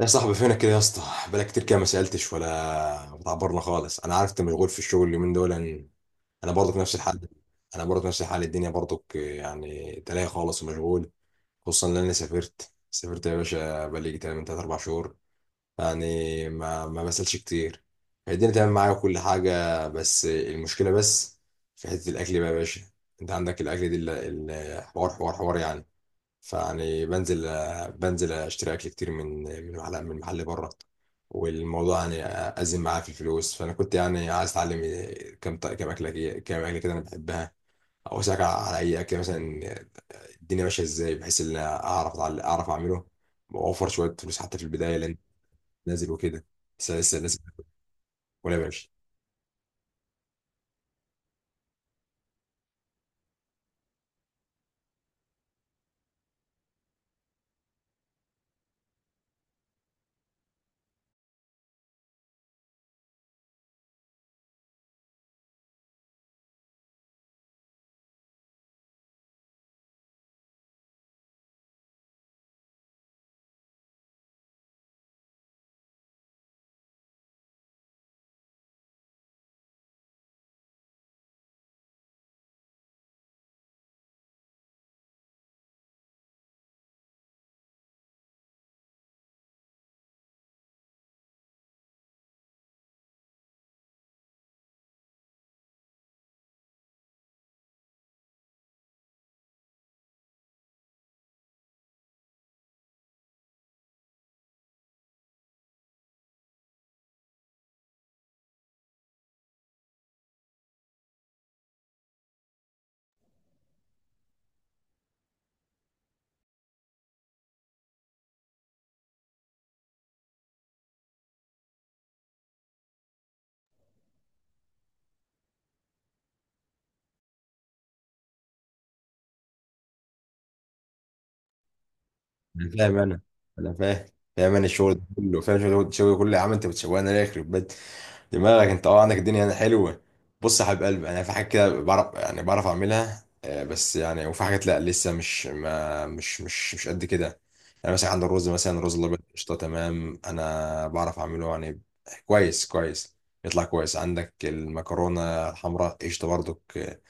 يا صاحبي، فينك كده يا اسطى؟ بقالك كتير كده ما سألتش ولا بتعبرنا خالص. انا عارف انت مشغول في الشغل اليومين دول يعني. انا برضك نفس الحال. انا برضك نفس الحال، الدنيا برضك يعني تلاقي خالص ومشغول. خصوصا ان انا سافرت يا باشا، بقالي تقريبا من 3 4 شهور. يعني ما بسألش كتير. الدنيا تمام معايا وكل حاجة، بس المشكلة بس في حتة الاكل بقى يا باشا. انت عندك الاكل دي حوار حوار حوار يعني. فيعني بنزل اشتري اكل كتير من محل بره، والموضوع يعني ازم معاه في الفلوس. فانا كنت يعني عايز اتعلم كم ط- كم اكله كي- كم اكله كده انا بحبها، او اسالك على اي اكل مثلا الدنيا ماشيه ازاي، بحيث ان أنا اعرف اعمله واوفر شويه فلوس حتى في البدايه، لان نازل وكده. لسه ولا ماشي؟ انا فاهم انا انا فاهم فاهم انا الشغل ده كله. الشغل ده كله يا عم. انت بتشوقني ليه، يخرب بيت دماغك؟ انت اه، عندك الدنيا يعني حلوه. بص يا حبيب قلبي، انا في حاجه كده بعرف، يعني بعرف اعملها، آه، بس يعني وفي حاجات لا، لسه مش ما مش مش مش قد كده. يعني مثلا عند الرز مثلا، الرز الابيض قشطه، تمام، انا بعرف اعمله، يعني كويس، يطلع كويس. عندك المكرونه الحمراء قشطه برضك،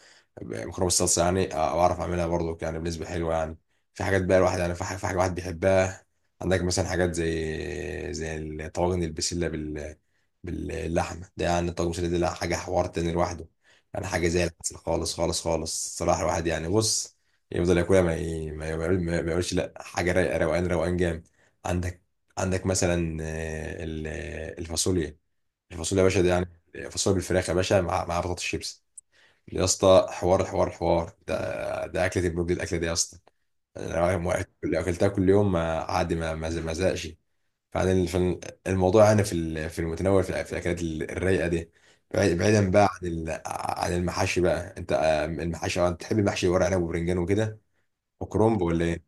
مكرونه بالصلصه يعني، آه، بعرف اعملها برضو يعني بنسبه حلوه يعني. في حاجات بقى الواحد يعني، في حاجه في حاجة الواحد بيحبها. عندك مثلا حاجات زي الطواجن، البسله باللحمه ده، يعني الطاجن البسله دي لا، حاجه حوار تاني لوحده. يعني حاجه زي العسل، خالص خالص خالص. صراحه الواحد يعني، بص، يفضل ياكلها، ما يقولش لا. حاجه رايقه، روقان روقان جامد. عندك، مثلا آه، الفاصوليا. الفاصوليا يا باشا ده، يعني فاصوليا بالفراخ يا باشا، مع بطاطس شيبس، يا اسطى، حوار حوار حوار! ده ده اكله المجد، الاكله دي يا اسطى. انا يوم واحد اكلتها كل يوم، ما عادي، ما زهقش. فعن الموضوع يعني، في في المتناول، في في الاكلات الرايقه دي. بعيدا بقى عن عن المحاشي. بقى انت، آه، المحاشي، آه، انت تحب المحشي ورق عنب وبرنجان وكده وكرنب ولا ايه؟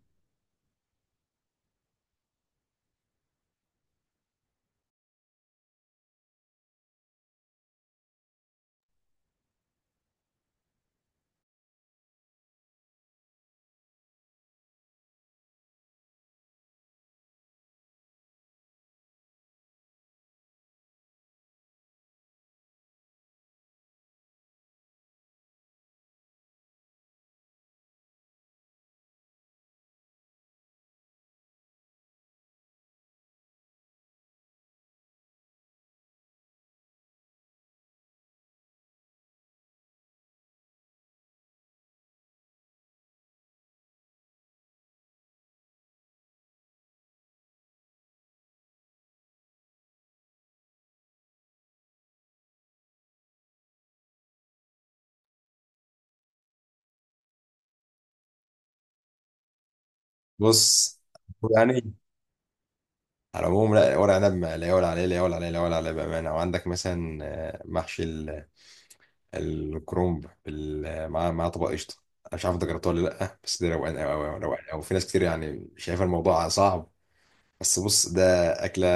بص يعني، على العموم، لا، ورق عنب لا يعلى عليه، لا يعلى عليه، لا يعلى عليه بامانه. وعندك مثلا آه، محشي الكرومب مع طبق قشطه. انا مش عارف انت جربتها ولا لا، بس ده روقان قوي قوي، روقان قوي. في ناس كتير يعني شايفه الموضوع صعب، بس بص ده اكله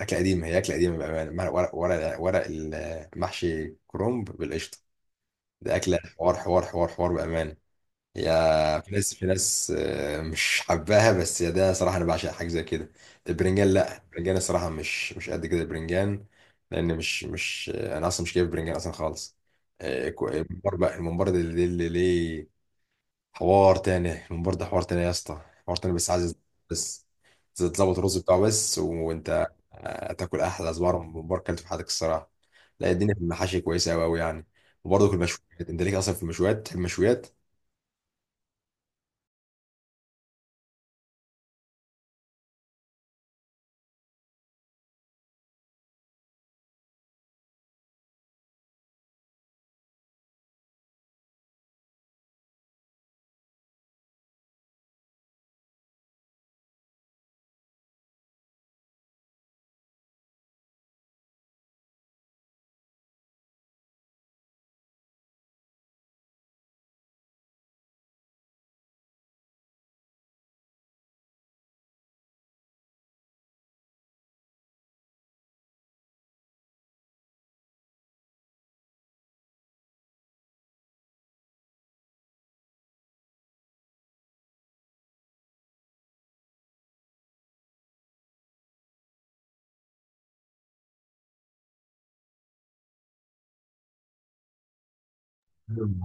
اكله قديمه، هي اكله قديمه بامانه. ورق ورق المحشي كرومب بالقشطه، ده اكله حوار حوار حوار حوار بامانه. يا في ناس، آه، مش حباها، بس يا ده، صراحة أنا بعشق حاجة زي كده. البرنجان لأ، البرنجان الصراحة مش قد كده البرنجان، لأن مش آه، أنا أصلا مش جايب برنجان أصلا خالص. آه، الممبار بقى، الممبار ده اللي ليه حوار تاني. الممبار ده حوار تاني يا اسطى، حوار تاني، بس عايز بس تظبط الرز بتاعه بس، وأنت، آه، تاكل أحلى صباع ممبار كلته في حياتك الصراحة. لا الدنيا في المحاشي كويسة أوي أوي يعني. وبرضه في المشويات، أنت ليك أصلا في المشويات، تحب المشويات؟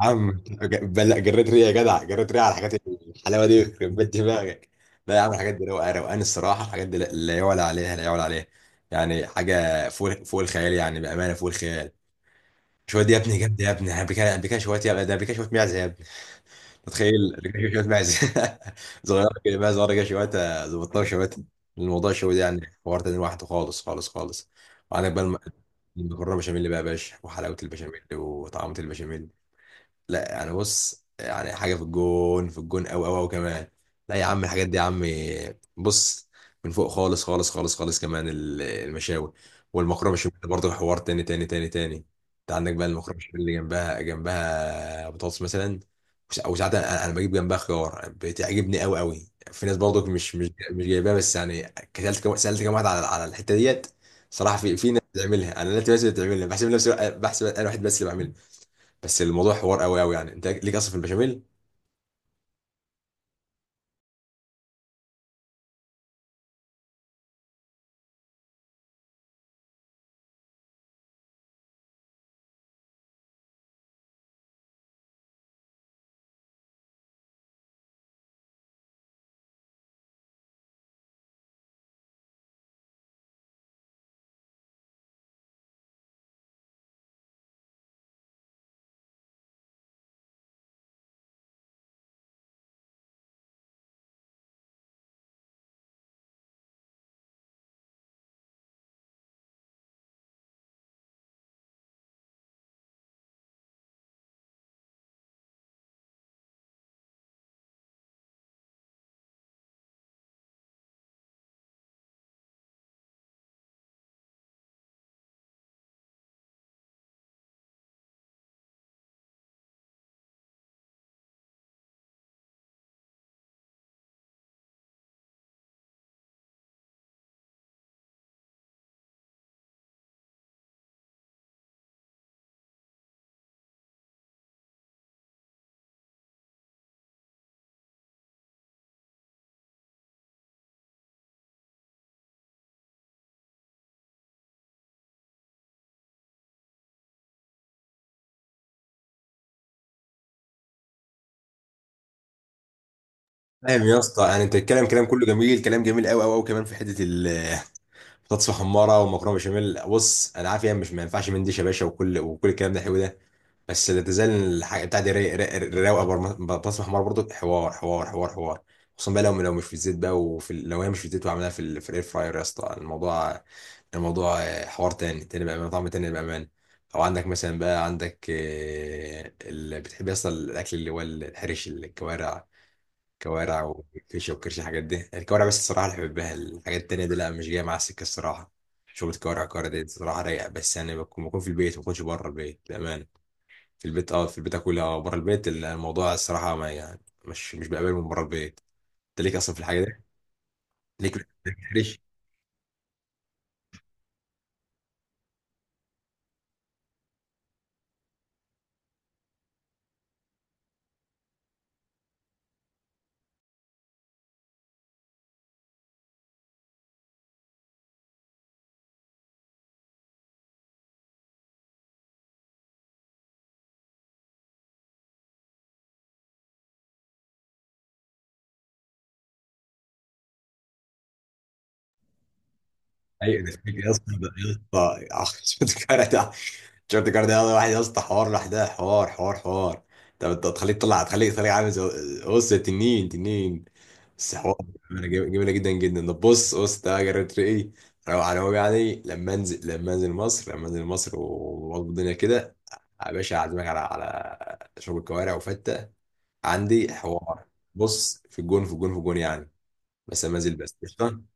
عم، لا. جريت ريا يا جدع، جريت ريا على الحاجات الحلاوه دي، يخرب بيت دماغك. لا يا عم، الحاجات دي روقان روقان الصراحه. الحاجات دي لا، لا يعلى عليها، لا يعلى عليها. يعني حاجه فوق فوق الخيال يعني، بامانه فوق الخيال. شويه دي يا ابني، جد يا ابني، بكا بكا شويه يا ابني، ده بكا شويه معزه يا ابني. تخيل، بكا شويه معزه! صغيره كده بقى، صغيره كده شويه، ظبطناها شويه. الموضوع شويه ده يعني حوار تاني لوحده، خالص خالص خالص. وعندك بقى المكرونه بشاميل بقى يا باشا، وحلاوه البشاميل وطعمه البشاميل. لا، يعني بص، يعني حاجه في الجون، في الجون قوي قوي قوي كمان. لا يا عم، الحاجات دي يا عم، بص، من فوق خالص خالص خالص خالص كمان. المشاوي والمكرونه بشاميل برضه حوار تاني تاني تاني تاني. انت عندك بقى المكرونه بشاميل اللي جنبها بطاطس مثلا. او ساعات انا، أنا بجيب جنبها خيار، بتعجبني قوي قوي. في ناس برضه مش جايباها بس يعني كسلت كم سالت كم واحد على الحته ديت. صراحه في في ناس بتعملها، انا ناس بس اللي بتعملها بحسب نفسي، بحسب انا واحد بس اللي بعملها. بس الموضوع حوار قوي قوي يعني. انت ليك اصلا في البشاميل. فاهم يا اسطى، يعني انت الكلام، كلام كله جميل، كلام جميل قوي قوي قوي كمان في حته بطاطس محمره ومكرونه بشاميل. بص انا عارف يعني، مش ما ينفعش منديش يا باشا، وكل الكلام ده حلو ده، بس لا تزال الحاجه بتاعتي رايقه. بطاطس محمره برضو حوار حوار حوار حوار. خصوصا بقى لو مش في الزيت بقى، وفي لو هي مش في الزيت وعملها في في الاير فراير، يا اسطى، الموضوع، آه، حوار تاني تاني بقى، طعم تاني بامان. او عندك مثلا بقى، عندك، آه، اللي بتحب اصلا الاكل اللي هو الحرش، الكوارع، كوارع وفيشه وكرش. الحاجات دي، الكوارع بس الصراحه اللي بحبها، الحاجات التانيه دي لا، مش جايه مع السكه الصراحه. شغل كوارع، كوارع دي الصراحه رايقه، بس يعني بكون في البيت، ما بكونش بره البيت بامان. في البيت اه، في البيت اكلها. اه بره البيت الموضوع الصراحه، ما يعني مش بقبله من بره البيت. انت ليك اصلا في الحاجه دي، ليك في الكرش؟ ايوه ده فيك اصلا ده يا اسطى! عشان الكوارع ده تيشيرت كاردينال واحد يا اسطى، حوار لوحدها، حوار حوار حوار. طب انت هتخليك تطلع، تخليك عامل زي، بص، تنين تنين، بس حوار، جميلة جميلة جدا جدا. طب بص بص ده، جربت ايه؟ روق على هو يعني، لما انزل مصر واظبط الدنيا كده، يا باشا اعزمك على شرب الكوارع وفتة. عندي حوار، بص، في الجون، في الجون، في الجون يعني، بس لما انزل بس، قشطة.